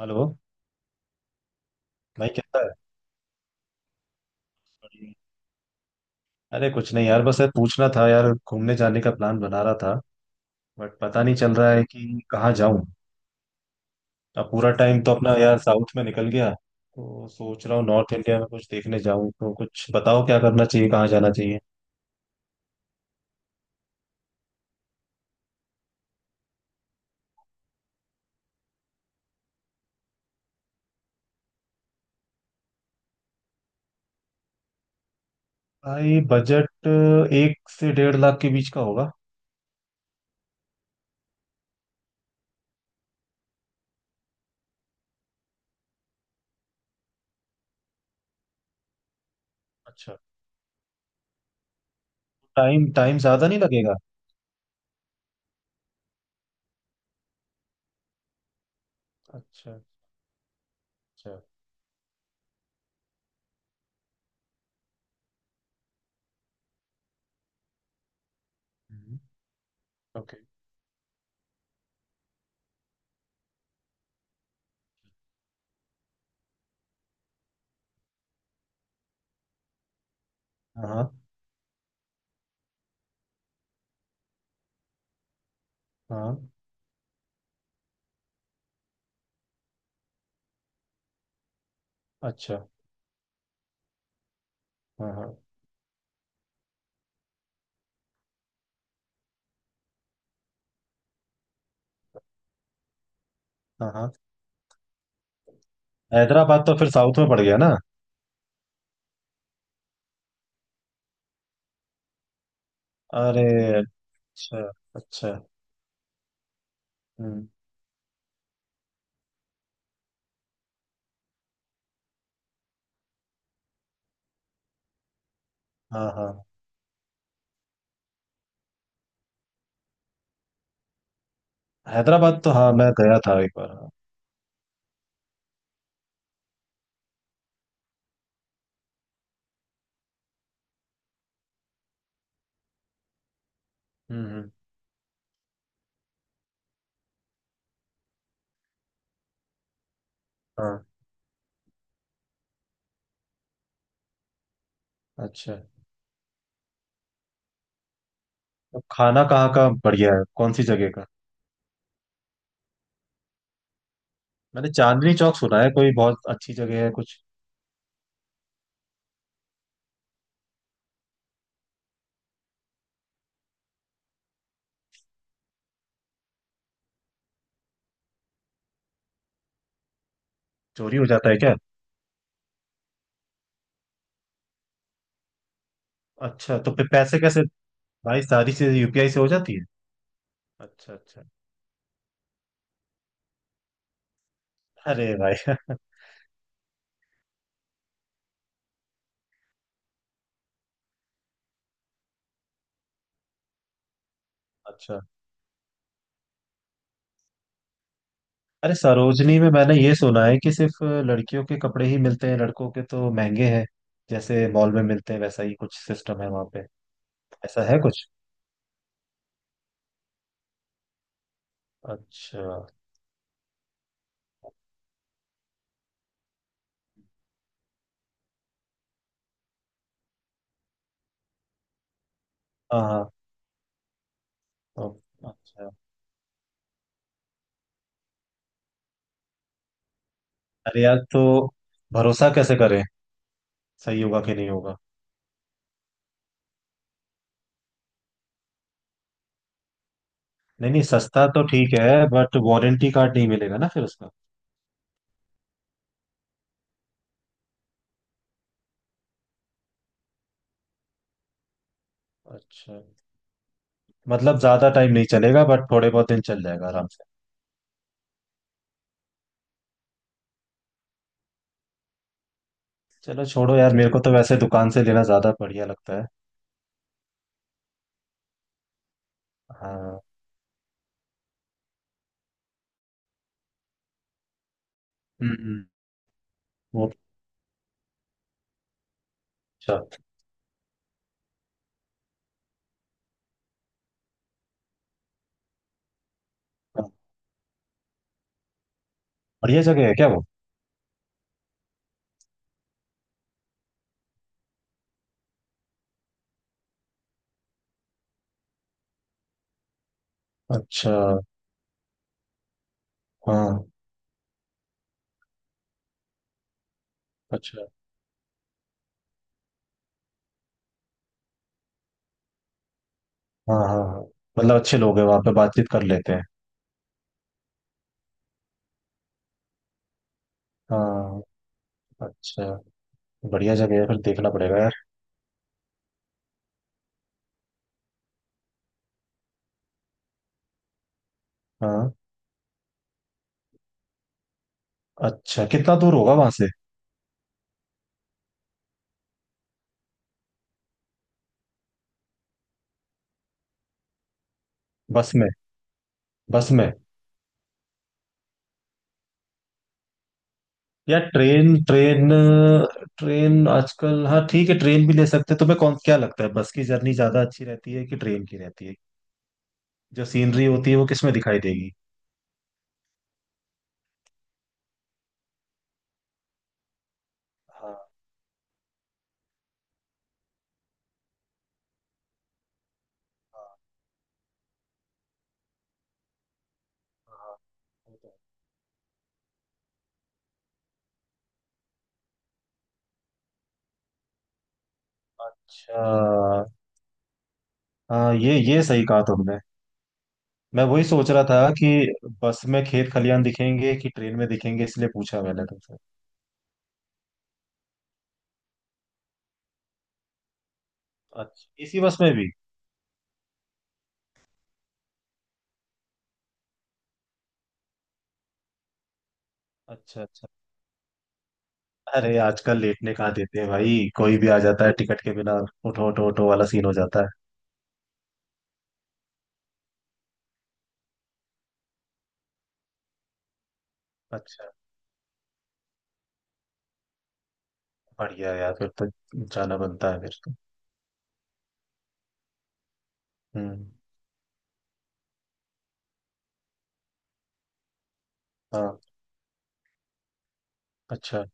Hello. भाई कैसा है? बढ़िया। अरे कुछ नहीं यार, बस यार पूछना था यार, घूमने जाने का प्लान बना रहा था, बट पता नहीं चल रहा है कि कहाँ जाऊं। अब पूरा टाइम तो अपना यार साउथ में निकल गया, तो सोच रहा हूँ नॉर्थ इंडिया में कुछ देखने जाऊं, तो कुछ बताओ क्या करना चाहिए, कहाँ जाना चाहिए? भाई बजट 1 से 1.5 लाख के बीच का होगा। अच्छा। टाइम टाइम ज्यादा नहीं लगेगा? अच्छा। अच्छा। हम्म। ओके। हाँ हाँ। अच्छा। हाँ हाँ हाँ हाँ। हैदराबाद तो फिर साउथ में पड़ गया ना। अरे। अच्छा। अच्छा। हम्म। हाँ हाँ। हैदराबाद तो हाँ, मैं गया था एक बार, हाँ। हम्म। हाँ। अच्छा। तो खाना कहाँ का बढ़िया है, कौन सी जगह का? मैंने चांदनी चौक सुना है, कोई बहुत अच्छी जगह है कुछ? चोरी हो जाता है क्या? अच्छा तो फिर पैसे कैसे? भाई सारी चीजें यूपीआई से हो जाती है। अच्छा अच्छा। अरे भाई अच्छा। अरे सरोजनी में मैंने ये सुना है कि सिर्फ लड़कियों के कपड़े ही मिलते हैं, लड़कों के तो महंगे हैं। जैसे मॉल में मिलते हैं वैसा ही कुछ सिस्टम है वहां पे। ऐसा है कुछ? अच्छा। हाँ हाँ। तो। अच्छा। अरे यार तो भरोसा कैसे करें? सही होगा कि नहीं होगा? नहीं नहीं, सस्ता तो ठीक है बट वारंटी कार्ड नहीं मिलेगा ना फिर उसका। अच्छा। मतलब ज्यादा टाइम नहीं चलेगा बट थोड़े बहुत दिन चल जाएगा आराम से। चलो छोड़ो यार, मेरे को तो वैसे दुकान से लेना ज्यादा बढ़िया लगता है। हाँ। हम्म। वो। अच्छा। हाँ। बढ़िया जगह है क्या वो? अच्छा। हाँ। अच्छा। हाँ हाँ हाँ। मतलब अच्छे लोग हैं वहाँ पे, बातचीत कर लेते हैं। हाँ। अच्छा। बढ़िया जगह है, फिर देखना पड़ेगा यार। हाँ। अच्छा कितना दूर होगा वहां से? बस में? बस में? या ट्रेन ट्रेन? ट्रेन आजकल, हाँ ठीक है, ट्रेन भी ले सकते हैं। तुम्हें कौन क्या लगता है, बस की जर्नी ज्यादा अच्छी रहती है कि ट्रेन की रहती है? जो सीनरी होती है वो किसमें दिखाई देगी? हाँ हाँ हाँ। वो तो है। अच्छा। हाँ, ये सही कहा तुमने। मैं वही सोच रहा था कि बस में खेत खलियान दिखेंगे कि ट्रेन में दिखेंगे, इसलिए पूछा मैंने तुमसे। अच्छा इसी बस में भी? अच्छा अच्छा। अरे आजकल लेटने कहाँ देते हैं भाई, कोई भी आ जाता है टिकट के बिना। उठो उठो उठो वाला सीन हो जाता है। अच्छा। बढ़िया यार फिर तो। जाना बनता है फिर तो। हम्म। हाँ। अच्छा।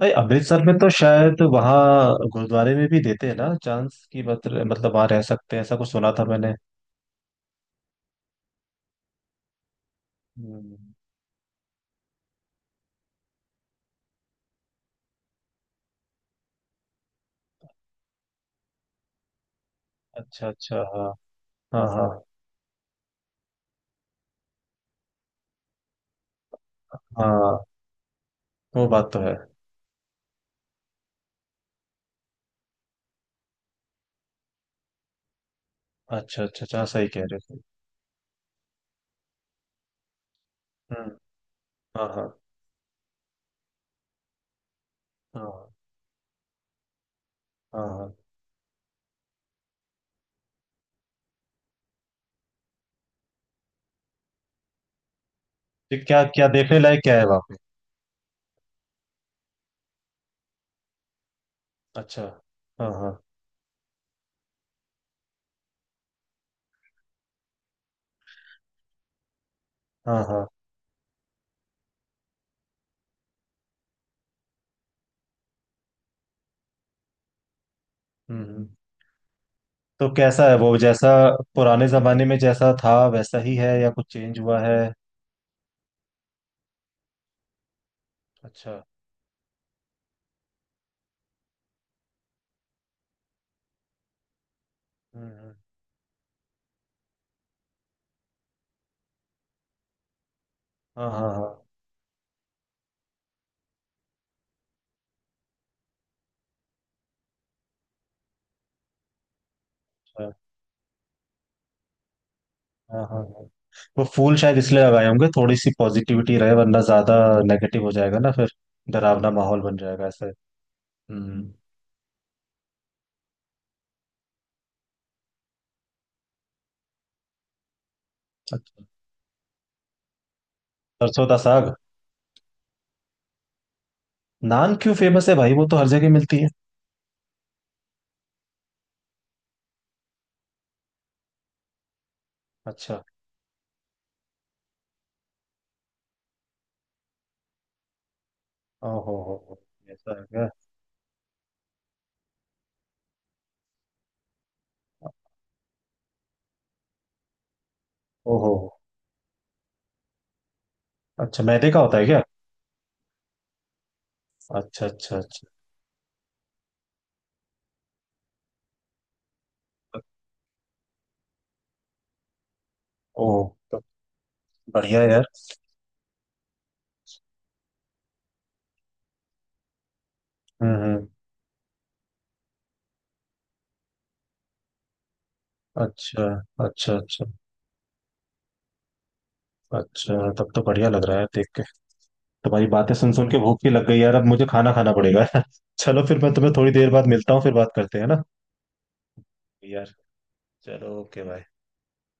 भाई अमृतसर में तो शायद वहाँ गुरुद्वारे में भी देते हैं ना चांस की, मतलब वहाँ रह सकते हैं, ऐसा कुछ सुना था मैंने। हम्म। अच्छा अच्छा। हाँ हाँ हाँ हाँ। वो बात तो है। अच्छा अच्छा अच्छा, हाँ, सही कह रहे हो। हम्म। हाँ हाँ हाँ हाँ हाँ। तो क्या क्या देखने लायक क्या है वहाँ पे? अच्छा। हाँ हाँ हाँ हाँ। हम्म। तो कैसा है वो, जैसा पुराने जमाने में जैसा था वैसा ही है या कुछ चेंज हुआ है? अच्छा। हम्म। हाँ हाँ हाँ। अच्छा, हाँ हाँ हाँ। वो फूल शायद इसलिए लगाए होंगे थोड़ी सी पॉजिटिविटी रहे, वरना ज्यादा नेगेटिव हो जाएगा ना फिर। डरावना माहौल बन जाएगा ऐसे। हम्म। अच्छा। सरसों का साग। नान क्यों फेमस है भाई, वो तो हर जगह मिलती है? अच्छा। ओहो हो हो। ऐसा है क्या? ओहो हो। अच्छा मैदे का होता है क्या? अच्छा अच्छा अच्छा। ओह तो। बढ़िया है यार। हम्म। अच्छा अच्छा अच्छा। अच्छा तब तो बढ़िया लग रहा है देख के। तुम्हारी बातें सुन सुन के भूख भी लग गई यार, अब मुझे खाना खाना पड़ेगा चलो फिर मैं तुम्हें थोड़ी देर बाद मिलता हूँ, फिर बात करते हैं ना। यार। चलो ओके बाय।